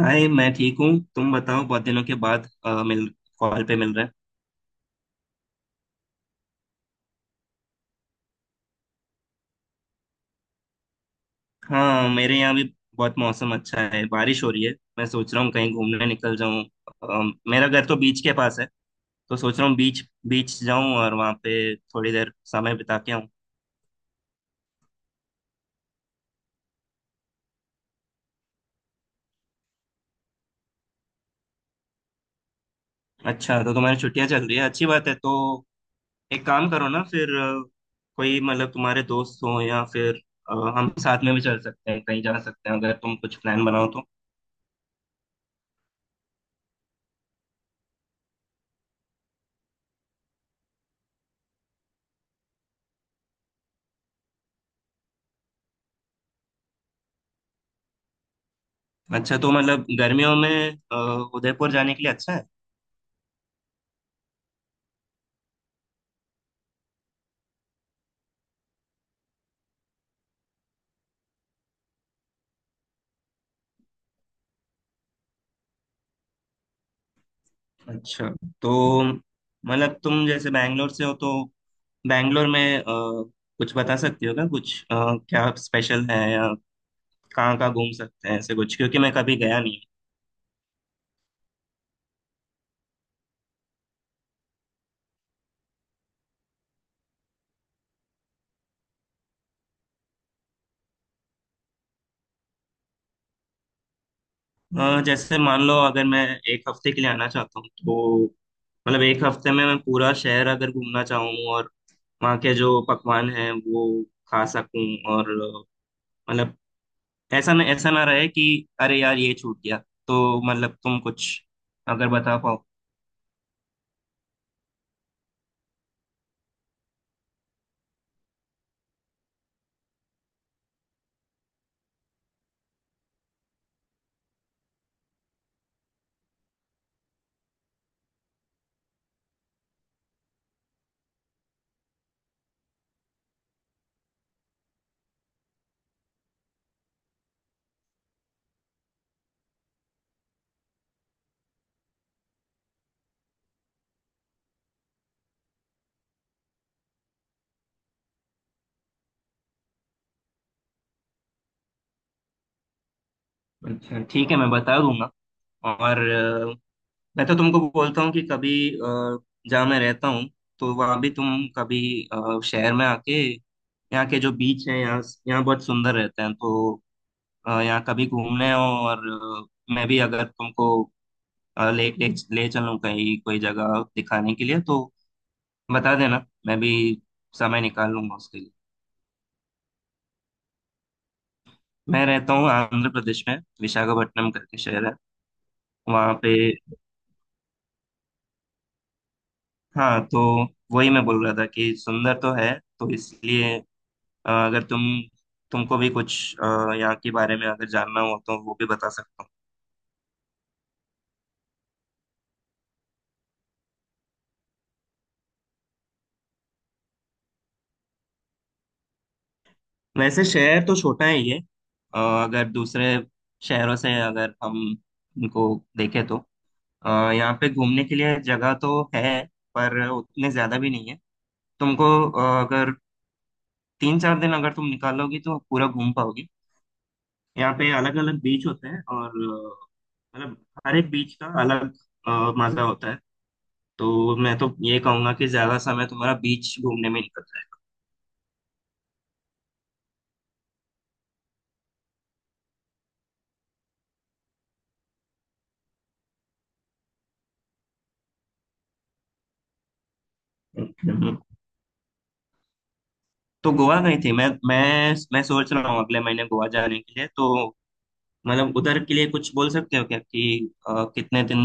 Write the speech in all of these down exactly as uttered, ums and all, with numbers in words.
हाय, मैं ठीक हूँ। तुम बताओ, बहुत दिनों के बाद अ, मिल कॉल पे मिल रहे हैं। हाँ, मेरे यहाँ भी बहुत मौसम अच्छा है, बारिश हो रही है। मैं सोच रहा हूँ कहीं घूमने निकल जाऊँ। अम, मेरा घर तो बीच के पास है, तो सोच रहा हूँ बीच बीच जाऊँ और वहाँ पे थोड़ी देर समय बिता के आऊँ। अच्छा, तो तुम्हारी छुट्टियाँ चल रही है, अच्छी बात है। तो एक काम करो ना, फिर अ, कोई मतलब तुम्हारे दोस्त हो या फिर अ, हम साथ में भी चल सकते हैं, कहीं जा सकते हैं, अगर तुम कुछ प्लान बनाओ तो। अच्छा, तो मतलब गर्मियों में अ, उदयपुर जाने के लिए अच्छा है। अच्छा, तो मतलब तुम जैसे बैंगलोर से हो तो बैंगलोर में अ, कुछ बता सकती हो क्या? कुछ अ, क्या स्पेशल है, या कहाँ कहाँ घूम सकते हैं, ऐसे कुछ, क्योंकि मैं कभी गया नहीं। हूँ। अ, जैसे मान लो अगर मैं एक हफ्ते के लिए आना चाहता हूँ, तो मतलब एक हफ्ते में मैं पूरा शहर अगर घूमना चाहूँ, और वहाँ के जो पकवान हैं वो खा सकूँ, और अ, मतलब ऐसा न, ऐसा ना रहे कि अरे यार, ये छूट गया। तो मतलब तुम कुछ अगर बता पाओ। अच्छा ठीक है, मैं बता दूंगा। और अ, मैं तो तुमको बोलता हूँ कि कभी अ, जहाँ मैं रहता हूँ, तो वहाँ भी तुम कभी अ, शहर में आके यहाँ के जो बीच है, यहाँ यहाँ बहुत सुंदर रहते हैं। तो अ, यहाँ कभी घूमने आओ, और अ, मैं भी अगर तुमको अ, ले ले ले चलूँ कहीं कोई जगह दिखाने के लिए, तो बता देना, मैं भी समय निकाल लूंगा उसके लिए। मैं रहता हूँ आंध्र प्रदेश में, विशाखापट्टनम करके शहर है, वहाँ पे। हाँ, तो वही मैं बोल रहा था कि सुंदर तो है, तो इसलिए अ, अगर तुम तुमको भी कुछ अ, यहाँ के बारे में अगर जानना हो, तो वो भी बता सकता हूँ। वैसे शहर तो छोटा है ये। अ, अगर दूसरे शहरों से अगर हम इनको देखें, तो अ, यहाँ पे घूमने के लिए जगह तो है, पर उतने ज्यादा भी नहीं है। तुमको अ, अगर तीन चार दिन अगर तुम निकालोगी तो पूरा घूम पाओगी। यहाँ पे अलग अलग बीच होते हैं, और अ, मतलब हर एक बीच का अलग अ, मजा होता है। तो मैं तो ये कहूंगा कि ज्यादा समय तुम्हारा बीच घूमने में निकल जाएगा। तो गोवा गई थी? मैं मैं मैं सोच रहा हूँ अगले महीने गोवा जाने के लिए। तो मतलब उधर के लिए कुछ बोल सकते हो क्या, कि अ, कितने दिन,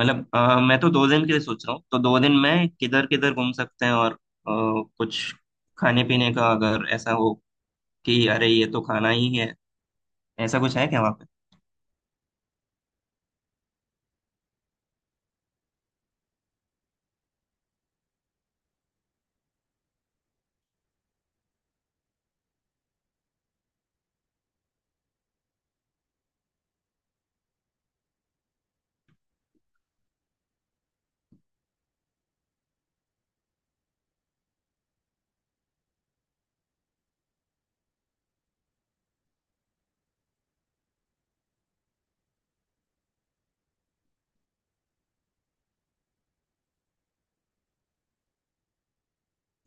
मतलब अ, मैं तो दो दिन के लिए सोच रहा हूँ, तो दो दिन में किधर किधर घूम सकते हैं, और अ, कुछ खाने पीने का अगर ऐसा हो कि अरे ये तो खाना ही है, ऐसा कुछ है क्या?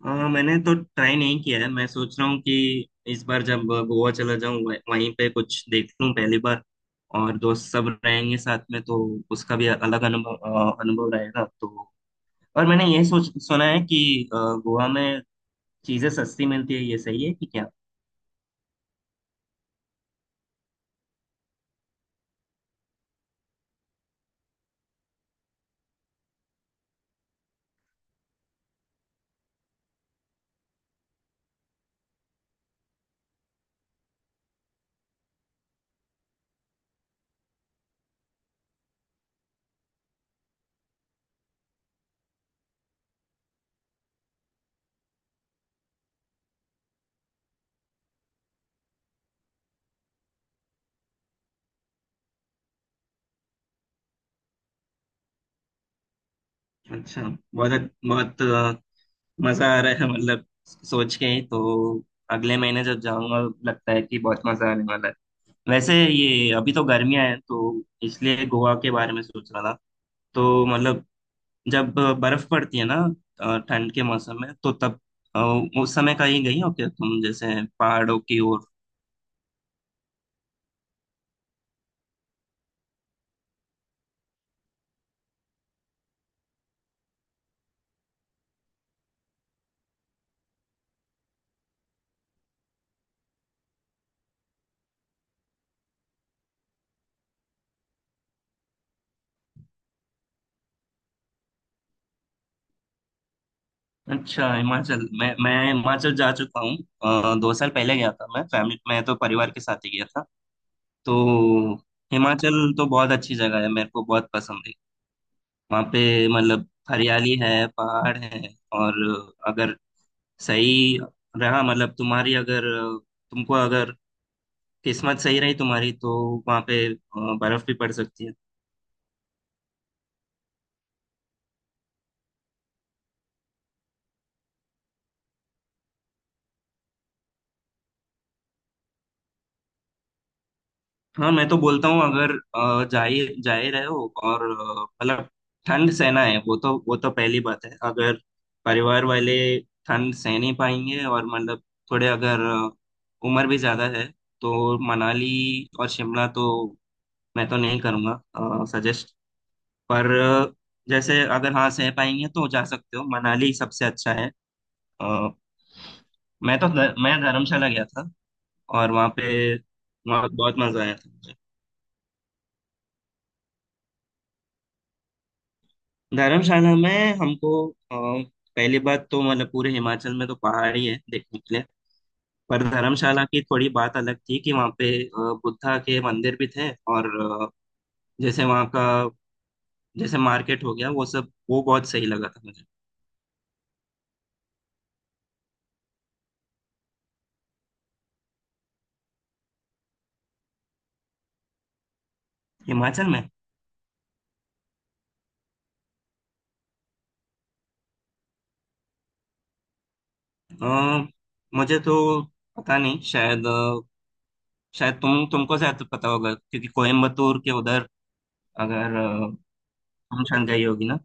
अ, मैंने तो ट्राई नहीं किया है, मैं सोच रहा हूँ कि इस बार जब गोवा चला जाऊँ वह- वहीं पे कुछ देख लूँ पहली बार। और दोस्त सब रहेंगे साथ में, तो उसका भी अलग अनुभव अ, अनुभव रहेगा। तो और मैंने ये सोच सुना है कि अ, गोवा में चीजें सस्ती मिलती है, ये सही है कि क्या? अच्छा, बहुत बहुत अ, मजा आ रहा है, मतलब सोच के ही। तो अगले महीने जब जाऊंगा, लगता है कि बहुत मजा आने वाला है। वैसे ये अभी तो गर्मियां हैं, तो इसलिए गोवा के बारे में सोच रहा था। तो मतलब जब बर्फ पड़ती है ना, अ, ठंड के मौसम में, तो तब अ, उस समय कहीं गई हो क्या तुम, जैसे पहाड़ों की ओर? अच्छा, हिमाचल! मैं मैं हिमाचल जा चुका हूँ, अ, दो साल पहले गया था। मैं फैमिली, मैं तो परिवार के साथ ही गया था तो। हिमाचल तो बहुत अच्छी जगह है, मेरे को बहुत पसंद है। वहाँ पे मतलब हरियाली है, पहाड़ है, और अगर सही रहा, मतलब तुम्हारी अगर, तुमको अगर किस्मत सही रही तुम्हारी, तो वहां पे अ, बर्फ भी पड़ सकती है। हाँ, मैं तो बोलता हूँ अगर अ, जा ही जा ही रहे हो, और अ, मतलब ठंड सहना है, वो तो वो तो पहली बात है। अगर परिवार वाले ठंड सह नहीं पाएंगे, और मतलब थोड़े अगर अ, उम्र भी ज्यादा है, तो मनाली और शिमला तो मैं तो नहीं करूँगा सजेस्ट। पर अ, जैसे अगर हाँ सह पाएंगे तो जा सकते हो, मनाली सबसे अच्छा है। अ, मैं तो मैं धर्मशाला गया था, और वहाँ पे, वहाँ बहुत मजा आया था मुझे। धर्मशाला में हमको अ, पहली बात तो मतलब पूरे हिमाचल में तो पहाड़ ही है देखने के लिए, पर धर्मशाला की थोड़ी बात अलग थी कि वहाँ पे अ, बुद्धा के मंदिर भी थे, और अ, जैसे वहाँ का जैसे मार्केट हो गया वो सब, वो बहुत सही लगा था मुझे। हिमाचल में अ, मुझे तो पता नहीं, शायद अ, शायद तुम, तुमको शायद पता होगा, क्योंकि कोयम्बतूर के उधर अगर अ, तुम शायद गई होगी ना।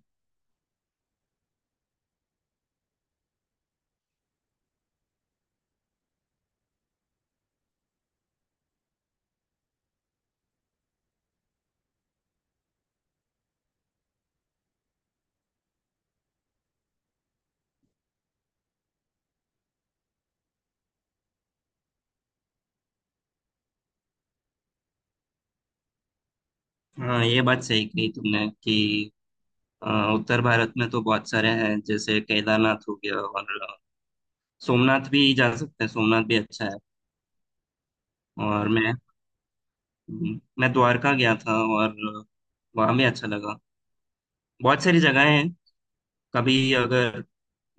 हाँ, ये बात सही कही तुमने कि अ, उत्तर भारत में तो बहुत सारे हैं। जैसे केदारनाथ हो गया, और अ, सोमनाथ भी जा सकते हैं, सोमनाथ भी अच्छा है। और मैं मैं द्वारका गया था, और अ, वहाँ भी अच्छा लगा। बहुत सारी जगहें हैं। कभी अगर,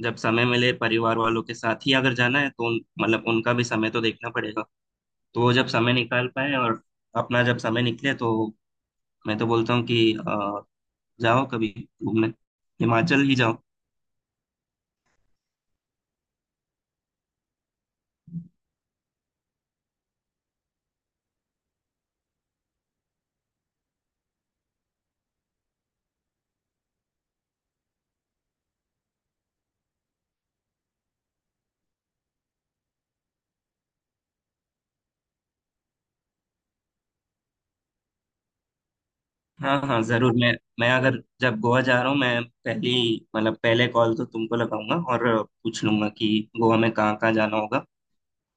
जब समय मिले, परिवार वालों के साथ ही अगर जाना है, तो उन- मतलब उनका भी समय तो देखना पड़ेगा, तो वो जब समय निकाल पाए, और अपना जब समय निकले, तो मैं तो बोलता हूँ कि अ, जाओ कभी घूमने, हिमाचल ही जाओ। हाँ हाँ जरूर। मैं मैं अगर जब गोवा जा रहा हूँ, मैं पहली, मतलब पहले कॉल तो तुमको लगाऊंगा, और पूछ लूंगा कि गोवा में कहाँ कहाँ जाना होगा,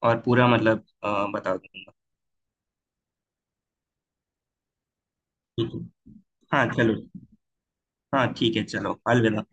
और पूरा मतलब अ, बता दूंगा। ठीक है। हाँ चलो। हाँ ठीक है, चलो अलविदा।